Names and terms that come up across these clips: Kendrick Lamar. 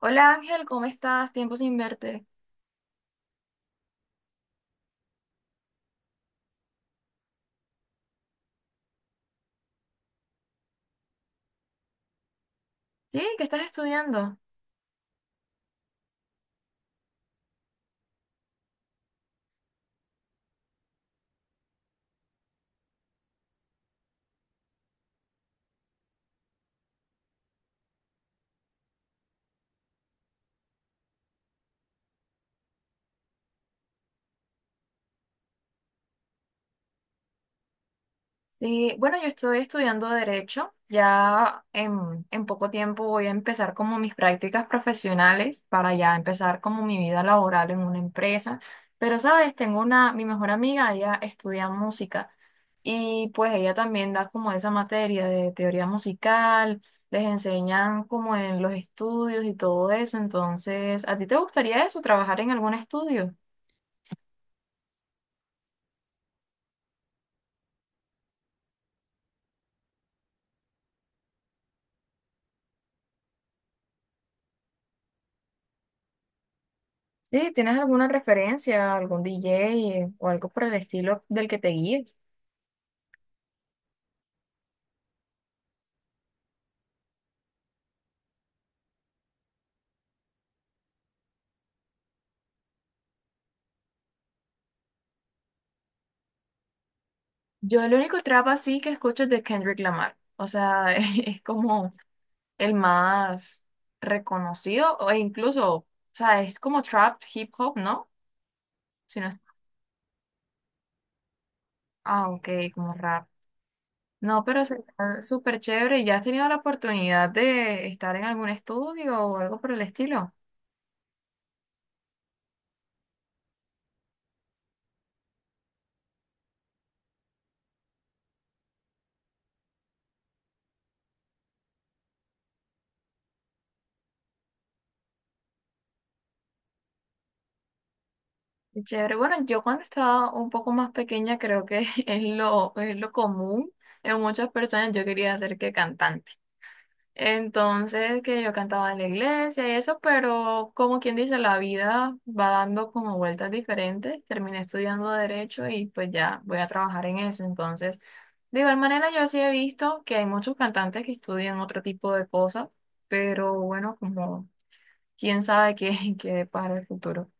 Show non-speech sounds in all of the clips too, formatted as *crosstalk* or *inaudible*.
Hola Ángel, ¿cómo estás? Tiempo sin verte. Sí, ¿qué estás estudiando? Sí, bueno, yo estoy estudiando Derecho. Ya en poco tiempo voy a empezar como mis prácticas profesionales para ya empezar como mi vida laboral en una empresa. Pero, ¿sabes? Tengo una, mi mejor amiga, ella estudia música y pues ella también da como esa materia de teoría musical, les enseñan como en los estudios y todo eso. Entonces, ¿a ti te gustaría eso, trabajar en algún estudio? Sí, ¿tienes alguna referencia, algún DJ o algo por el estilo del que te guíes? Yo el único trap así que escucho es de Kendrick Lamar. O sea, *laughs* es como el más reconocido e incluso, o sea, es como trap, hip hop, ¿no? Si no es- ah, ok, como rap. No, pero es súper chévere. ¿Y ¿Ya has tenido la oportunidad de estar en algún estudio o algo por el estilo? Chévere. Bueno, yo cuando estaba un poco más pequeña creo que *laughs* es lo común en muchas personas. Yo quería ser que cantante. Entonces, que yo cantaba en la iglesia y eso, pero como quien dice, la vida va dando como vueltas diferentes. Terminé estudiando derecho y pues ya voy a trabajar en eso. Entonces, de igual manera yo sí he visto que hay muchos cantantes que estudian otro tipo de cosas, pero bueno, como quién sabe qué, *laughs* qué depara el futuro.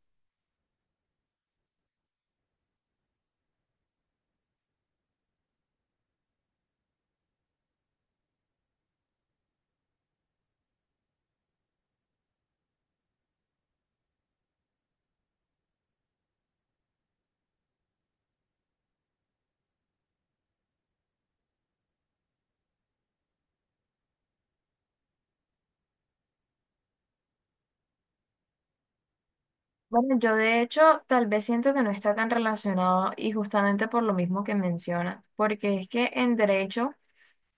Bueno, yo de hecho tal vez siento que no está tan relacionado y justamente por lo mismo que mencionas, porque es que en derecho,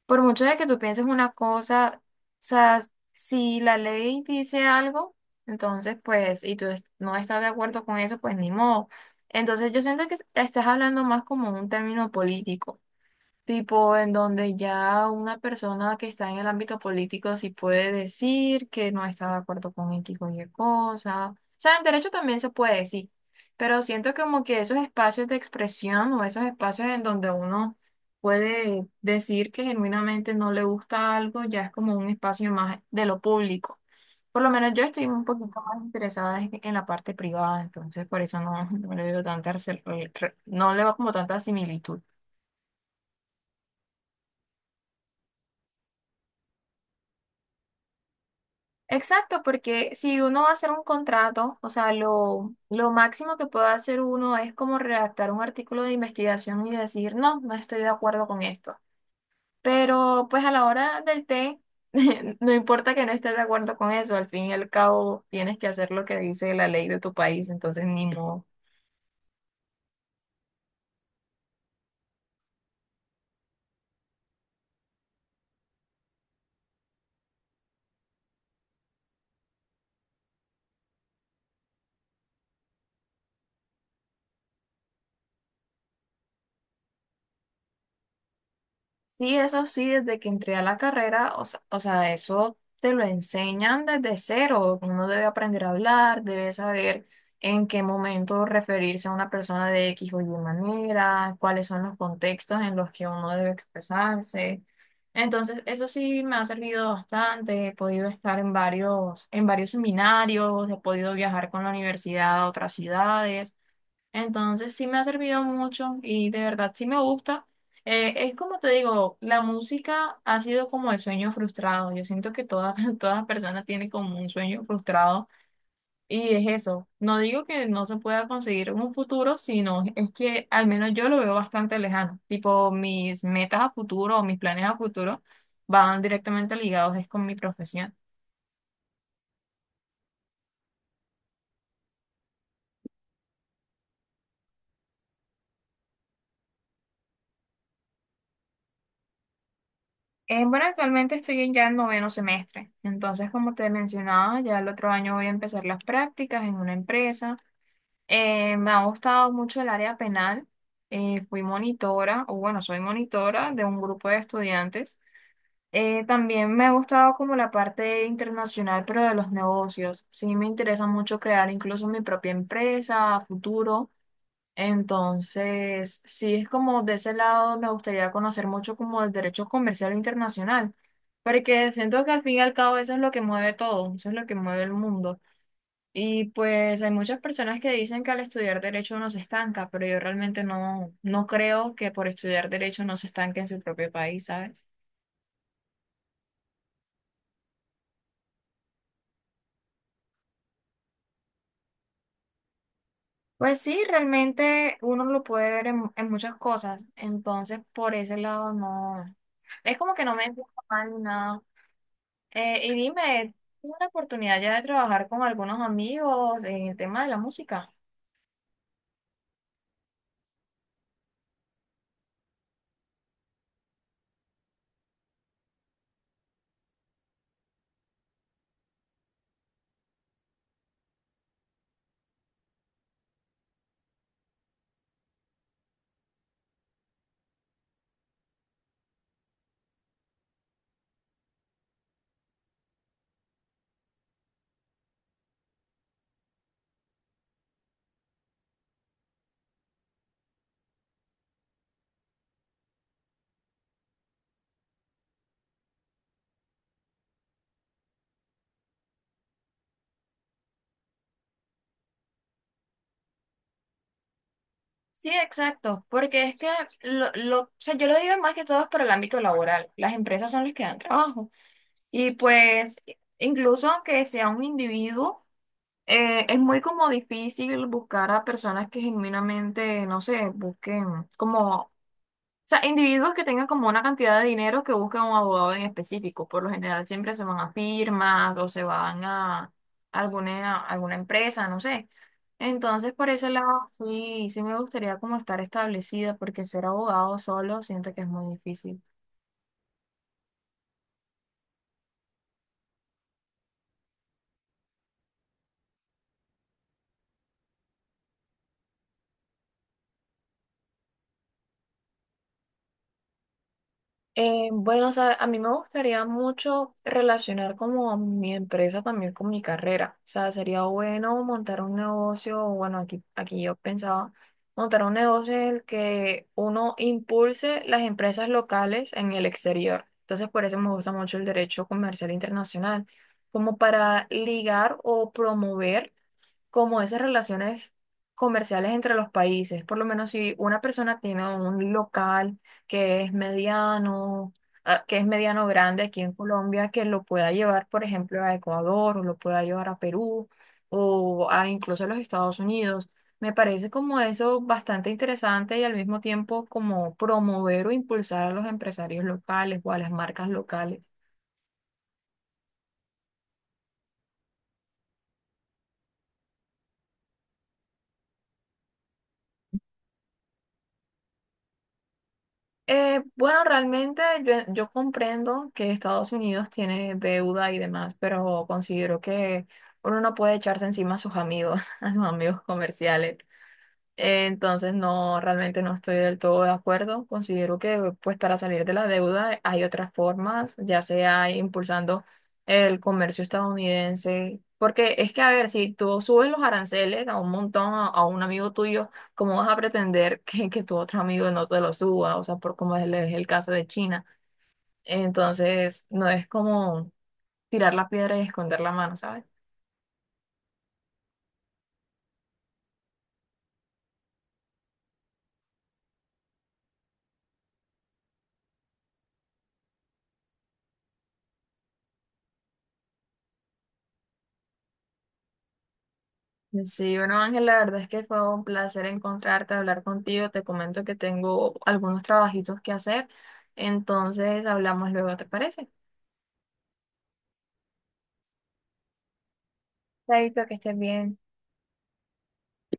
por mucho de que tú pienses una cosa, o sea, si la ley dice algo, entonces pues, y no estás de acuerdo con eso, pues ni modo. Entonces yo siento que estás hablando más como un término político. Tipo, en donde ya una persona que está en el ámbito político sí puede decir que no está de acuerdo con X o Y cosa. O sea, en derecho también se puede decir, pero siento como que esos espacios de expresión o esos espacios en donde uno puede decir que genuinamente no le gusta algo, ya es como un espacio más de lo público. Por lo menos yo estoy un poquito más interesada en la parte privada, entonces por eso no, *laughs* no le veo tanta, no le va como tanta similitud. Exacto, porque si uno va a hacer un contrato, o sea, lo máximo que puede hacer uno es como redactar un artículo de investigación y decir, no, no estoy de acuerdo con esto. Pero pues a la hora del té, *laughs* no importa que no estés de acuerdo con eso, al fin y al cabo tienes que hacer lo que dice la ley de tu país, entonces ni modo. Sí, eso sí, desde que entré a la carrera, o sea, eso te lo enseñan desde cero. Uno debe aprender a hablar, debe saber en qué momento referirse a una persona de X o Y manera, cuáles son los contextos en los que uno debe expresarse. Entonces, eso sí me ha servido bastante. He podido estar en varios seminarios, he podido viajar con la universidad a otras ciudades. Entonces sí me ha servido mucho y de verdad sí me gusta. Es como te digo, la música ha sido como el sueño frustrado. Yo siento que toda, *laughs* toda persona tiene como un sueño frustrado y es eso. No digo que no se pueda conseguir un futuro, sino es que al menos yo lo veo bastante lejano. Tipo, mis metas a futuro o mis planes a futuro van directamente ligados es con mi profesión. Bueno, actualmente estoy en ya en noveno semestre, entonces como te mencionaba, ya el otro año voy a empezar las prácticas en una empresa. Me ha gustado mucho el área penal. Fui monitora, o bueno, soy monitora de un grupo de estudiantes. También me ha gustado como la parte internacional, pero de los negocios. Sí, me interesa mucho crear incluso mi propia empresa a futuro. Entonces, sí, es como de ese lado me gustaría conocer mucho como el derecho comercial internacional, porque siento que al fin y al cabo eso es lo que mueve todo, eso es lo que mueve el mundo. Y pues hay muchas personas que dicen que al estudiar derecho uno se estanca, pero yo realmente no, no creo que por estudiar derecho no se estanque en su propio país, ¿sabes? Pues sí, realmente uno lo puede ver en muchas cosas, entonces por ese lado no, es como que no me siento mal ni nada. Y dime, ¿tuve la oportunidad ya de trabajar con algunos amigos en el tema de la música? Sí, exacto, porque es que o sea, yo lo digo más que todo es por el ámbito laboral. Las empresas son las que dan trabajo. Y pues, incluso aunque sea un individuo, es muy como difícil buscar a personas que genuinamente, no sé, busquen como sea, individuos que tengan como una cantidad de dinero que busquen un abogado en específico. Por lo general siempre se van a firmas o se van a alguna empresa, no sé. Entonces, por ese lado, sí me gustaría como estar establecida, porque ser abogado solo siento que es muy difícil. Bueno, o sea, a mí me gustaría mucho relacionar como a mi empresa también con mi carrera. O sea, sería bueno montar un negocio, o bueno, aquí yo pensaba montar un negocio en el que uno impulse las empresas locales en el exterior. Entonces, por eso me gusta mucho el derecho comercial internacional, como para ligar o promover como esas relaciones comerciales entre los países. Por lo menos si una persona tiene un local que es mediano, ah, que es mediano grande aquí en Colombia, que lo pueda llevar, por ejemplo, a Ecuador o lo pueda llevar a Perú o a incluso a los Estados Unidos. Me parece como eso bastante interesante y al mismo tiempo como promover o impulsar a los empresarios locales o a las marcas locales. Bueno, realmente yo comprendo que Estados Unidos tiene deuda y demás, pero considero que uno no puede echarse encima a sus amigos, *laughs* a sus amigos comerciales. Entonces, no, realmente no estoy del todo de acuerdo. Considero que pues para salir de la deuda hay otras formas, ya sea impulsando el comercio estadounidense. Porque es que, a ver, si tú subes los aranceles a un montón, a un amigo tuyo, ¿cómo vas a pretender *laughs* que tu otro amigo no te lo suba? O sea, por como es es el caso de China. Entonces, no es como tirar la piedra y esconder la mano, ¿sabes? Sí, bueno, Ángel, la verdad es que fue un placer encontrarte, hablar contigo. Te comento que tengo algunos trabajitos que hacer, entonces hablamos luego, ¿te parece? Chaito, que estés bien.